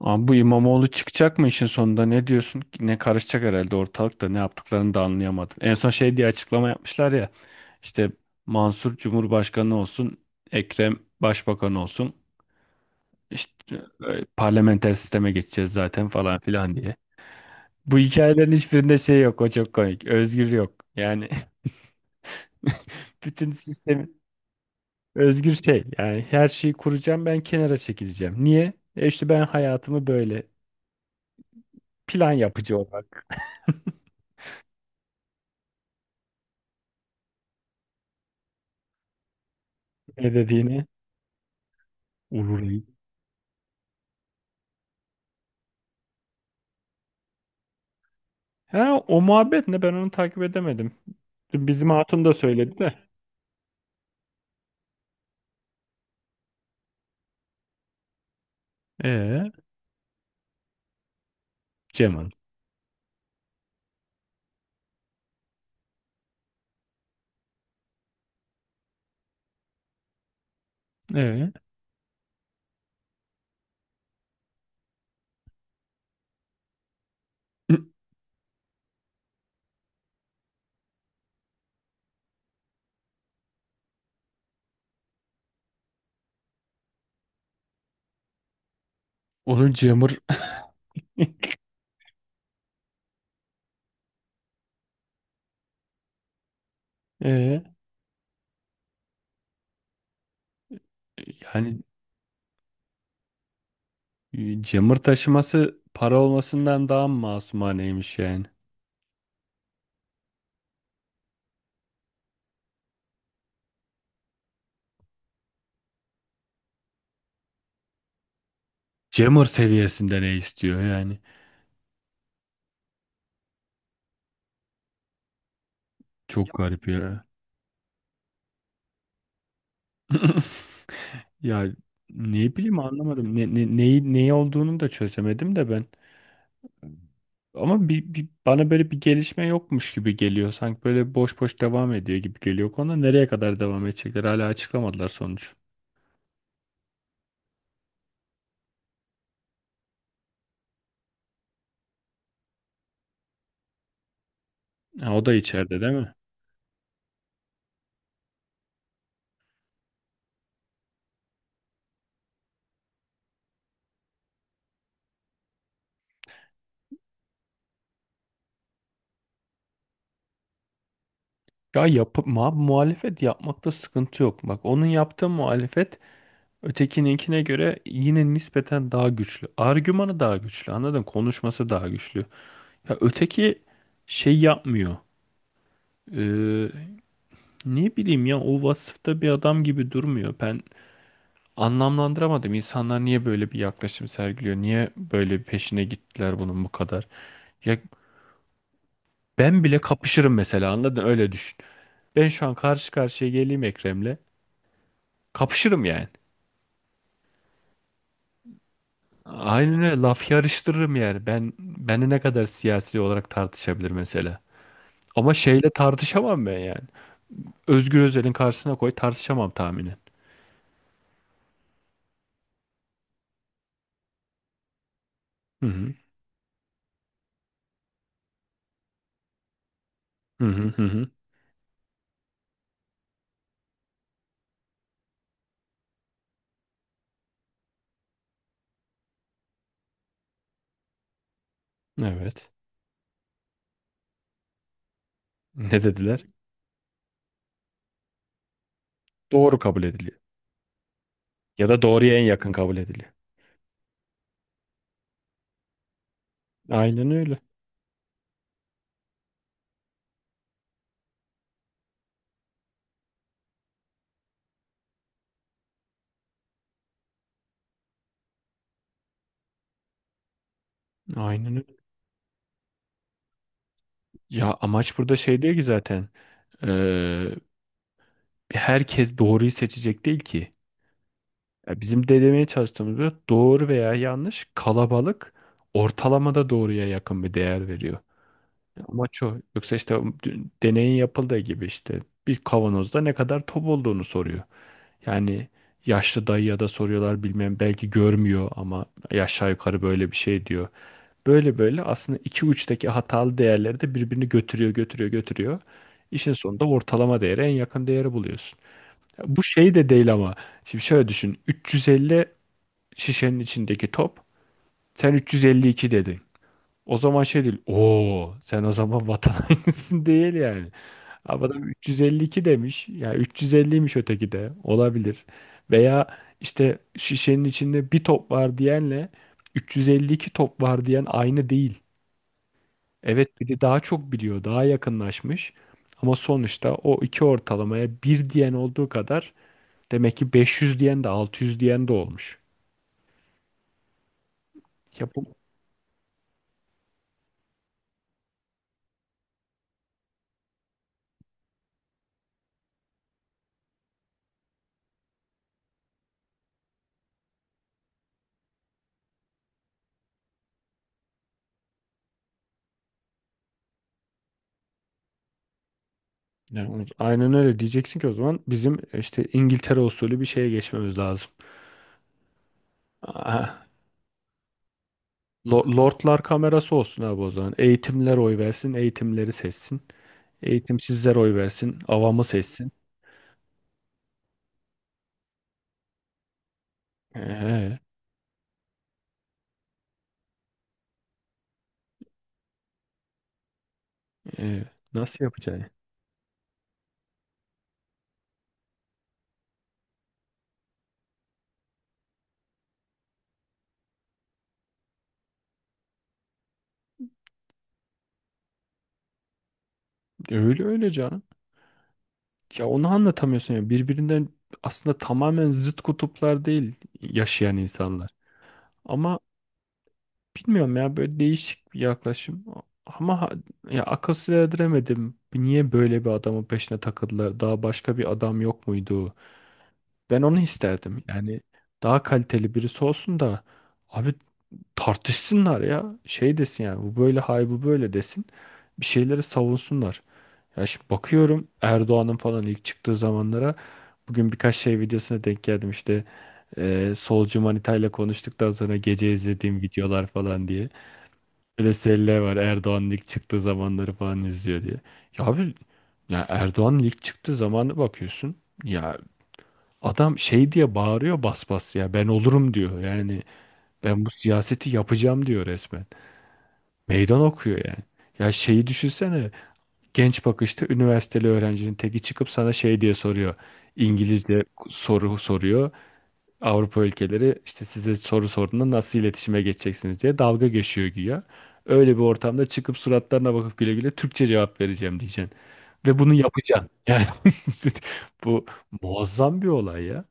Abi bu İmamoğlu çıkacak mı işin sonunda, ne diyorsun? Ne karışacak herhalde ortalıkta, ne yaptıklarını da anlayamadım. En son şey diye açıklama yapmışlar ya. İşte Mansur Cumhurbaşkanı olsun, Ekrem Başbakan olsun, işte parlamenter sisteme geçeceğiz zaten falan filan diye. Bu hikayelerin hiçbirinde şey yok, o çok komik, özgür yok yani. Bütün sistemi özgür şey, yani her şeyi kuracağım ben, kenara çekileceğim. Niye? E işte ben hayatımı böyle plan yapıcı olarak ne dediğini. Uğur. Ha, o muhabbet ne? Ben onu takip edemedim. Bizim hatun da söyledi de. Ee, Cem'in. Ee, Onun Cemur. ee, yani Cemur taşıması para olmasından daha mı masumaneymiş yani. Cemur seviyesinde ne istiyor yani? Çok garip ya. Ya ne bileyim, anlamadım. Neyi, neyi olduğunu da çözemedim de ben. Ama bana böyle bir gelişme yokmuş gibi geliyor. Sanki böyle boş boş devam ediyor gibi geliyor konu. Nereye kadar devam edecekler? Hala açıklamadılar sonuç. Ha, o da içeride değil mi? Ya yapıp ma muhalefet yapmakta sıkıntı yok. Bak onun yaptığı muhalefet ötekininkine göre yine nispeten daha güçlü. Argümanı daha güçlü. Anladın mı? Konuşması daha güçlü. Ya öteki şey yapmıyor. Ee, ne bileyim ya, o vasıfta bir adam gibi durmuyor. Ben anlamlandıramadım. İnsanlar niye böyle bir yaklaşım sergiliyor? Niye böyle bir peşine gittiler bunun bu kadar? Ya ben bile kapışırım mesela, anladın? Öyle düşün. Ben şu an karşı karşıya geleyim Ekrem'le. Kapışırım yani. Aynen öyle, laf yarıştırırım yani. Ben beni ne kadar siyasi olarak tartışabilir mesela. Ama şeyle tartışamam ben yani. Özgür Özel'in karşısına koy, tartışamam tahminen. Hı hı. Hı hı hı hı. Evet. Ne dediler? Doğru kabul ediliyor. Ya da doğruya en yakın kabul ediliyor. Aynen öyle. Aynen öyle. Ya amaç burada şey değil ki zaten. Ee, herkes doğruyu seçecek değil ki. Ya bizim de demeye çalıştığımızda doğru veya yanlış, kalabalık ortalamada doğruya yakın bir değer veriyor. Amaç o. Yoksa işte dün deneyin yapıldığı gibi işte bir kavanozda ne kadar top olduğunu soruyor. Yani yaşlı dayıya da soruyorlar, bilmem belki görmüyor ama aşağı yukarı böyle bir şey diyor. Böyle böyle aslında iki uçtaki hatalı değerleri de birbirini götürüyor, götürüyor, götürüyor. İşin sonunda ortalama değere en yakın değeri buluyorsun. Ya bu şey de değil ama. Şimdi şöyle düşün. 350 şişenin içindeki top. Sen 352 dedin. O zaman şey değil. Oo, sen o zaman vatan hainisin değil yani. Ama adam 352 demiş. Ya 350'ymiş öteki de. Olabilir. Veya işte şişenin içinde bir top var diyenle 352 top var diyen aynı değil. Evet, biri daha çok biliyor, daha yakınlaşmış. Ama sonuçta o iki ortalamaya bir diyen olduğu kadar demek ki 500 diyen de 600 diyen de olmuş. Ya bu, yani aynen öyle diyeceksin ki o zaman bizim işte İngiltere usulü bir şeye geçmemiz lazım. Aa, Lordlar kamerası olsun abi o zaman. Eğitimler oy versin, eğitimleri seçsin. Eğitimsizler oy versin, avamı seçsin. Ee, e, nasıl yapacaksın? Öyle öyle canım. Ya onu anlatamıyorsun ya. Birbirinden aslında tamamen zıt kutuplar değil yaşayan insanlar. Ama bilmiyorum ya, böyle değişik bir yaklaşım. Ama ya, akıl sır erdiremedim. Niye böyle bir adamın peşine takıldılar? Daha başka bir adam yok muydu? Ben onu isterdim. Yani daha kaliteli birisi olsun da abi tartışsınlar ya. Şey desin yani, bu böyle, hay bu böyle desin. Bir şeyleri savunsunlar. Ya şimdi bakıyorum Erdoğan'ın falan ilk çıktığı zamanlara, bugün birkaç şey videosuna denk geldim işte, solcu manitayla konuştuktan sonra gece izlediğim videolar falan diye. Böyle selle var, Erdoğan'ın ilk çıktığı zamanları falan izliyor diye. Ya abi, ya Erdoğan'ın ilk çıktığı zamanı bakıyorsun. Ya adam şey diye bağırıyor, bas bas ya ben olurum diyor. Yani ben bu siyaseti yapacağım diyor resmen. Meydan okuyor yani. Ya şeyi düşünsene. Genç bakışta üniversiteli öğrencinin teki çıkıp sana şey diye soruyor. İngilizce soru soruyor. Avrupa ülkeleri işte size soru sorduğunda nasıl iletişime geçeceksiniz diye dalga geçiyor güya. Öyle bir ortamda çıkıp suratlarına bakıp güle güle Türkçe cevap vereceğim diyeceksin. Ve bunu yapacaksın. Yani bu muazzam bir olay ya.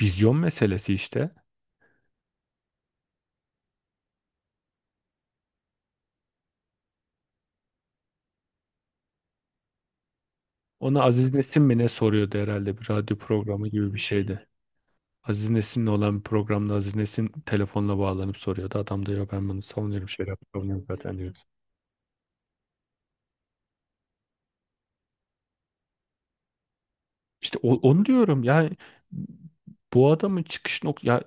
Vizyon meselesi işte. Ona Aziz Nesin mi ne soruyordu herhalde, bir radyo programı gibi bir şeydi. Aziz Nesin'le olan bir programda Aziz Nesin telefonla bağlanıp soruyordu. Adam diyor ben bunu savunuyorum, savunuyorum zaten diyor. İşte onu diyorum yani. Bu adamın çıkış ya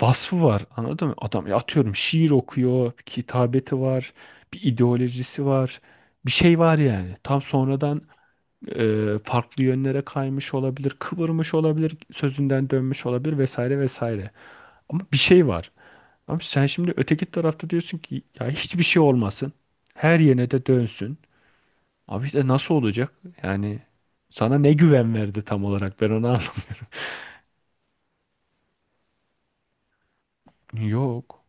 vasfı var, anladın mı? Adam ya atıyorum şiir okuyor, bir kitabeti var, bir ideolojisi var. Bir şey var yani. Tam sonradan farklı yönlere kaymış olabilir, kıvırmış olabilir, sözünden dönmüş olabilir vesaire vesaire. Ama bir şey var. Abi sen şimdi öteki tarafta diyorsun ki ya hiçbir şey olmasın. Her yerine de dönsün. Abi işte nasıl olacak? Yani sana ne güven verdi tam olarak, ben onu anlamadım. Yok.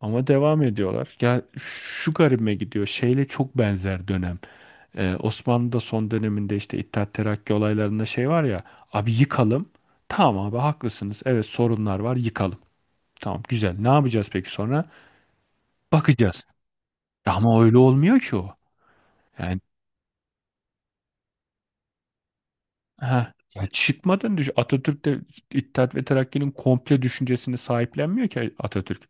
Ama devam ediyorlar. Ya şu garibime gidiyor. Şeyle çok benzer dönem. Osmanlı'da son döneminde işte İttihat Terakki olaylarında şey var ya. Abi yıkalım. Tamam abi haklısınız. Evet sorunlar var, yıkalım. Tamam güzel. Ne yapacağız peki sonra? Bakacağız. Ya ama öyle olmuyor ki o. Yani ha, ya çıkmadan düş. Atatürk de İttihat ve Terakki'nin komple düşüncesini sahiplenmiyor ki Atatürk.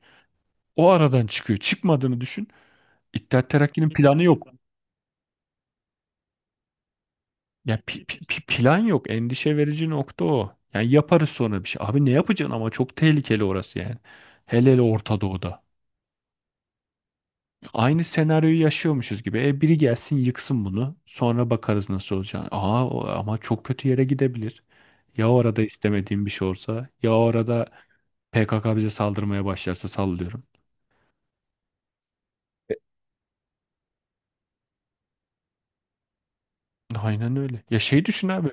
O aradan çıkıyor. Çıkmadığını düşün. İttihat Terakki'nin planı yok. Ya plan yok. Endişe verici nokta o. Yani yaparız sonra bir şey. Abi ne yapacaksın ama, çok tehlikeli orası yani. Hele hele Orta Doğu'da. Aynı senaryoyu yaşıyormuşuz gibi. E biri gelsin yıksın bunu. Sonra bakarız nasıl olacağını. Aa ama çok kötü yere gidebilir. Ya orada istemediğim bir şey olsa, ya orada. PKK bize saldırmaya başlarsa sallıyorum. Aynen öyle. Ya şey düşün abi.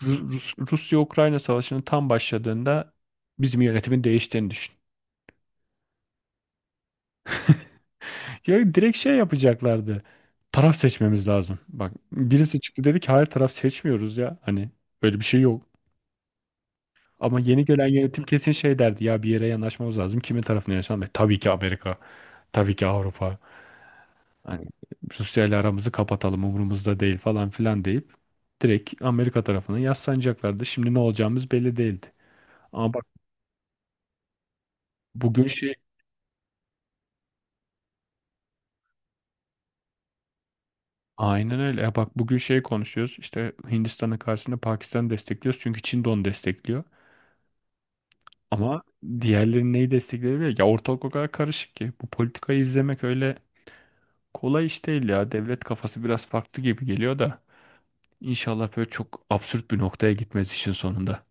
Rusya-Ukrayna savaşının tam başladığında bizim yönetimin değiştiğini düşün. Ya direkt şey yapacaklardı. Taraf seçmemiz lazım. Bak birisi çıktı dedi ki hayır taraf seçmiyoruz ya. Hani böyle bir şey yok. Ama yeni gelen yönetim kesin şey derdi. Ya bir yere yanaşmamız lazım. Kimin tarafına yanaşalım? E, tabii ki Amerika. Tabii ki Avrupa. Hani Rusya ile aramızı kapatalım, umurumuzda değil falan filan deyip direkt Amerika tarafına yaslanacaklardı. Şimdi ne olacağımız belli değildi. Ama bak bugün şey, aynen öyle. Ya bak bugün şey konuşuyoruz. İşte Hindistan'ın karşısında Pakistan destekliyoruz. Çünkü Çin de onu destekliyor. Ama diğerleri neyi destekleyebilir? Ya ortalık o kadar karışık ki. Bu politikayı izlemek öyle kolay iş değil ya. Devlet kafası biraz farklı gibi geliyor da. İnşallah böyle çok absürt bir noktaya gitmez işin sonunda.